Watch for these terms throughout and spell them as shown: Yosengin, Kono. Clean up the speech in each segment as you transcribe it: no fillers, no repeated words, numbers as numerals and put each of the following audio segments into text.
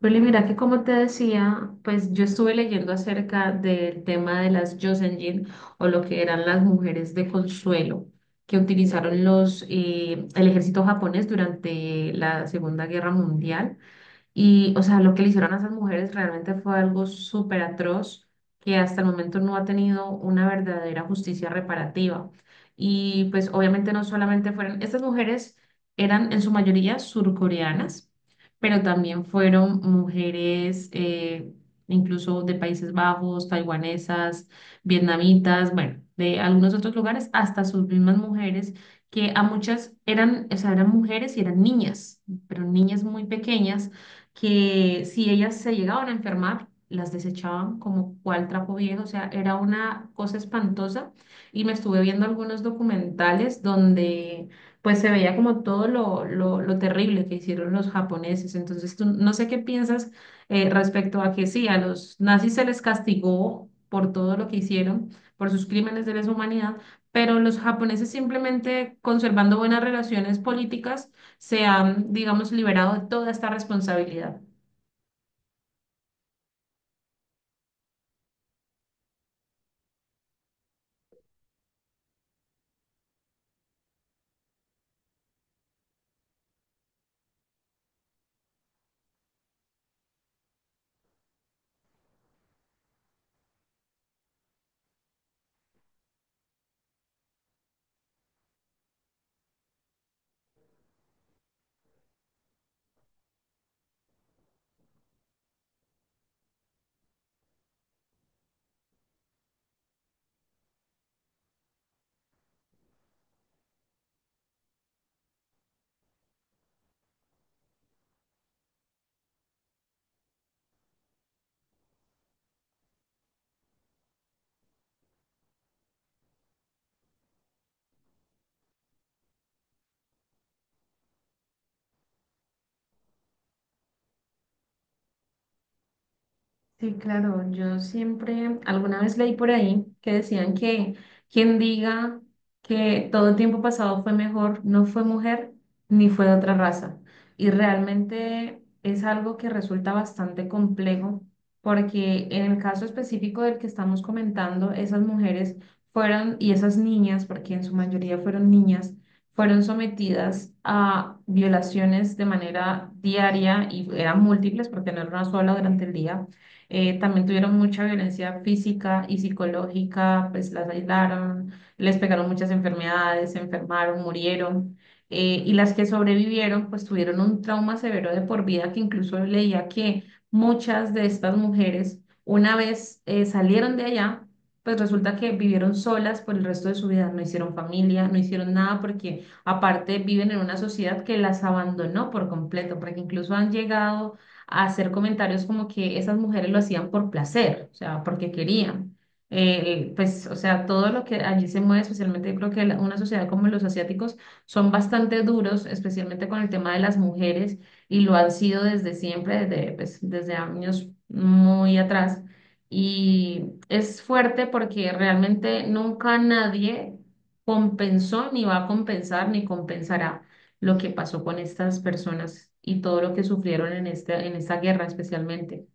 Bueno, mira que como te decía, pues yo estuve leyendo acerca del tema de las Yosengin o lo que eran las mujeres de consuelo que utilizaron el ejército japonés durante la Segunda Guerra Mundial. Y, o sea, lo que le hicieron a esas mujeres realmente fue algo súper atroz que hasta el momento no ha tenido una verdadera justicia reparativa. Y pues obviamente no solamente estas mujeres eran en su mayoría surcoreanas, pero también fueron mujeres incluso de Países Bajos, taiwanesas, vietnamitas, bueno, de algunos otros lugares, hasta sus mismas mujeres, que a muchas eran, o sea, eran mujeres y eran niñas, pero niñas muy pequeñas que si ellas se llegaban a enfermar, las desechaban como cual trapo viejo, o sea, era una cosa espantosa. Y me estuve viendo algunos documentales donde pues se veía como todo lo terrible que hicieron los japoneses. Entonces, tú, no sé qué piensas respecto a que sí, a los nazis se les castigó por todo lo que hicieron, por sus crímenes de lesa humanidad, pero los japoneses simplemente conservando buenas relaciones políticas se han, digamos, liberado de toda esta responsabilidad. Sí, claro, yo siempre, alguna vez leí por ahí que decían que quien diga que todo el tiempo pasado fue mejor, no fue mujer ni fue de otra raza. Y realmente es algo que resulta bastante complejo porque en el caso específico del que estamos comentando, esas mujeres fueron, y esas niñas, porque en su mayoría fueron niñas, fueron sometidas a violaciones de manera diaria y eran múltiples porque no era una sola durante el día también tuvieron mucha violencia física y psicológica, pues las aislaron, les pegaron muchas enfermedades, se enfermaron, murieron. Y las que sobrevivieron, pues tuvieron un trauma severo de por vida que incluso leía que muchas de estas mujeres, una vez salieron de allá, pues resulta que vivieron solas por el resto de su vida, no hicieron familia, no hicieron nada porque aparte viven en una sociedad que las abandonó por completo, porque incluso han llegado a hacer comentarios como que esas mujeres lo hacían por placer, o sea, porque querían. Pues, o sea, todo lo que allí se mueve, especialmente yo creo que una sociedad como los asiáticos son bastante duros, especialmente con el tema de las mujeres, y lo han sido desde siempre, desde, pues, desde años muy atrás. Y es fuerte porque realmente nunca nadie compensó, ni va a compensar, ni compensará lo que pasó con estas personas y todo lo que sufrieron en en esta guerra especialmente.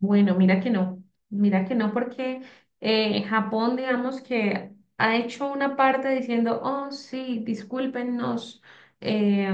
Bueno, mira que no, porque Japón, digamos que ha hecho una parte diciendo, oh, sí, discúlpenos, eh,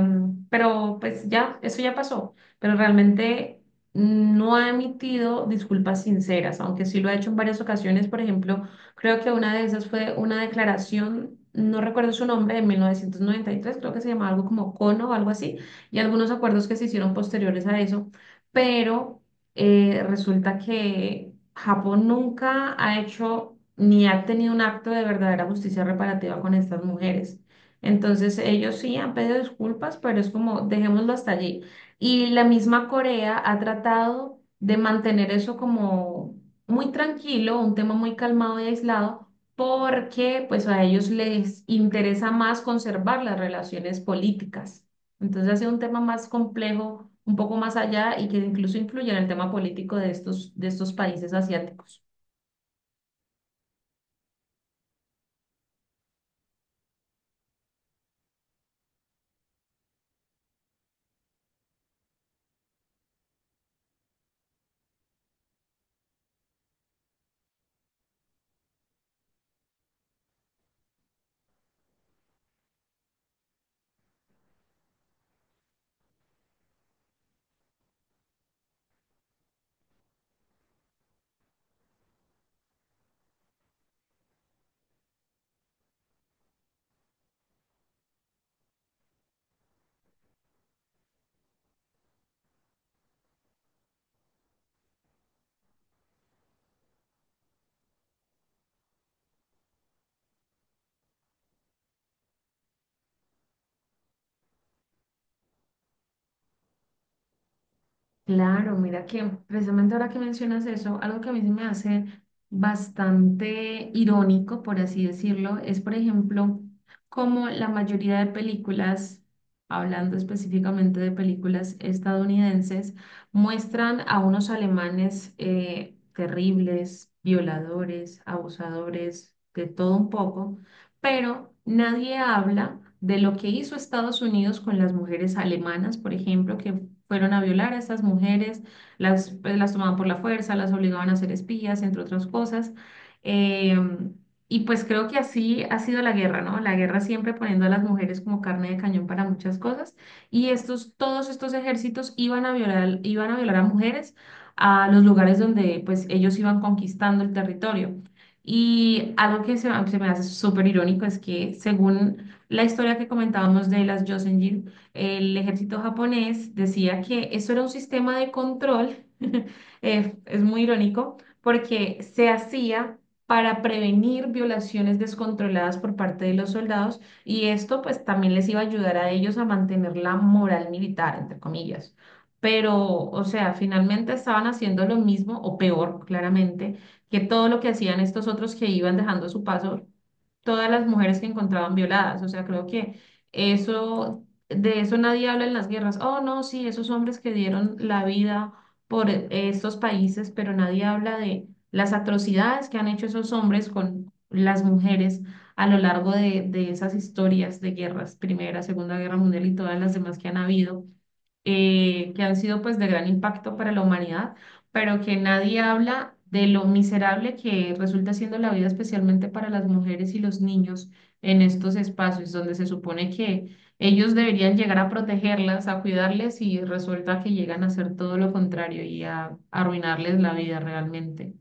pero pues ya, eso ya pasó, pero realmente no ha emitido disculpas sinceras, aunque sí lo ha hecho en varias ocasiones, por ejemplo, creo que una de esas fue una declaración, no recuerdo su nombre, de 1993, creo que se llamaba algo como Kono o algo así, y algunos acuerdos que se hicieron posteriores a eso pero resulta que Japón nunca ha hecho ni ha tenido un acto de verdadera justicia reparativa con estas mujeres. Entonces ellos sí han pedido disculpas, pero es como dejémoslo hasta allí. Y la misma Corea ha tratado de mantener eso como muy tranquilo, un tema muy calmado y aislado, porque pues a ellos les interesa más conservar las relaciones políticas. Entonces ha sido un tema más complejo, un poco más allá y que incluso influye en el tema político de de estos países asiáticos. Claro, mira que precisamente ahora que mencionas eso, algo que a mí se me hace bastante irónico, por así decirlo, es por ejemplo como la mayoría de películas, hablando específicamente de películas estadounidenses, muestran a unos alemanes terribles, violadores, abusadores, de todo un poco, pero nadie habla de lo que hizo Estados Unidos con las mujeres alemanas, por ejemplo, que fueron a violar a estas mujeres, las, pues, las tomaban por la fuerza, las obligaban a ser espías, entre otras cosas. Em, y pues creo que así ha sido la guerra, ¿no? La guerra siempre poniendo a las mujeres como carne de cañón para muchas cosas. Y estos, todos estos ejércitos iban a violar a mujeres a los lugares donde pues ellos iban conquistando el territorio. Y algo que se me hace súper irónico es que según la historia que comentábamos de las Jocelyn el ejército japonés decía que eso era un sistema de control, es muy irónico, porque se hacía para prevenir violaciones descontroladas por parte de los soldados y esto pues también les iba a ayudar a ellos a mantener la moral militar, entre comillas. Pero, o sea, finalmente estaban haciendo lo mismo o peor, claramente, que todo lo que hacían estos otros que iban dejando a su paso todas las mujeres que encontraban violadas. O sea, creo que eso de eso nadie habla en las guerras. Oh, no, sí, esos hombres que dieron la vida por estos países, pero nadie habla de las atrocidades que han hecho esos hombres con las mujeres a lo largo de esas historias de guerras, Primera, Segunda Guerra Mundial y todas las demás que han habido que han sido pues de gran impacto para la humanidad, pero que nadie habla de lo miserable que resulta siendo la vida, especialmente para las mujeres y los niños en estos espacios donde se supone que ellos deberían llegar a protegerlas, a cuidarles y resulta que llegan a hacer todo lo contrario y a arruinarles la vida realmente.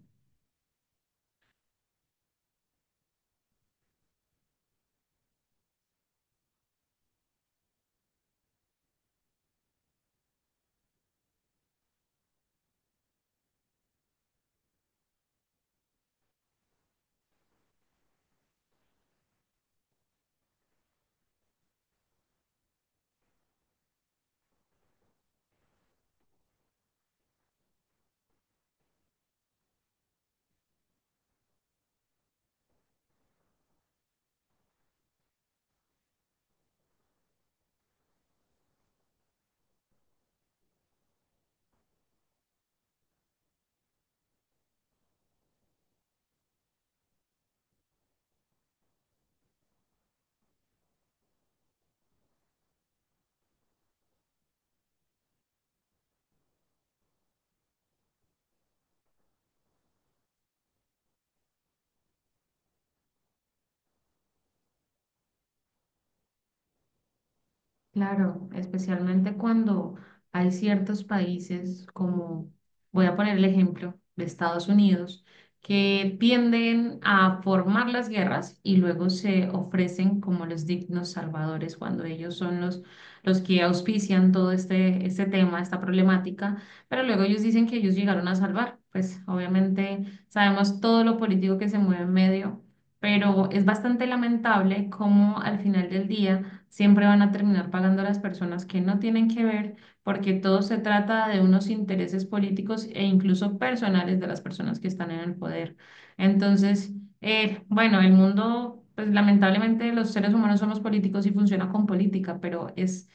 Claro, especialmente cuando hay ciertos países como, voy a poner el ejemplo de Estados Unidos, que tienden a formar las guerras y luego se ofrecen como los dignos salvadores cuando ellos son los que auspician todo este, este tema, esta problemática, pero luego ellos dicen que ellos llegaron a salvar. Pues obviamente sabemos todo lo político que se mueve en medio, pero es bastante lamentable cómo al final del día siempre van a terminar pagando a las personas que no tienen que ver, porque todo se trata de unos intereses políticos e incluso personales de las personas que están en el poder. Entonces, bueno, el mundo, pues lamentablemente los seres humanos somos políticos y funciona con política, pero es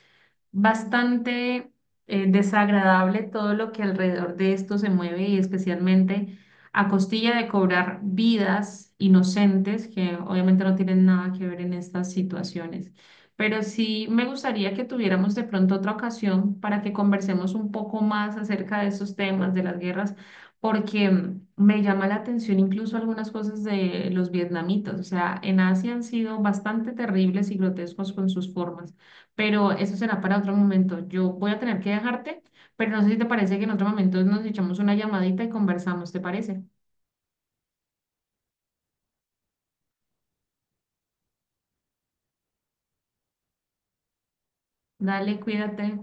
bastante desagradable todo lo que alrededor de esto se mueve y especialmente a costilla de cobrar vidas inocentes que obviamente no tienen nada que ver en estas situaciones pero sí me gustaría que tuviéramos de pronto otra ocasión para que conversemos un poco más acerca de esos temas, de las guerras, porque me llama la atención incluso algunas cosas de los vietnamitas. O sea, en Asia han sido bastante terribles y grotescos con sus formas, pero eso será para otro momento. Yo voy a tener que dejarte, pero no sé si te parece que en otro momento nos echamos una llamadita y conversamos, ¿te parece? Dale, cuídate.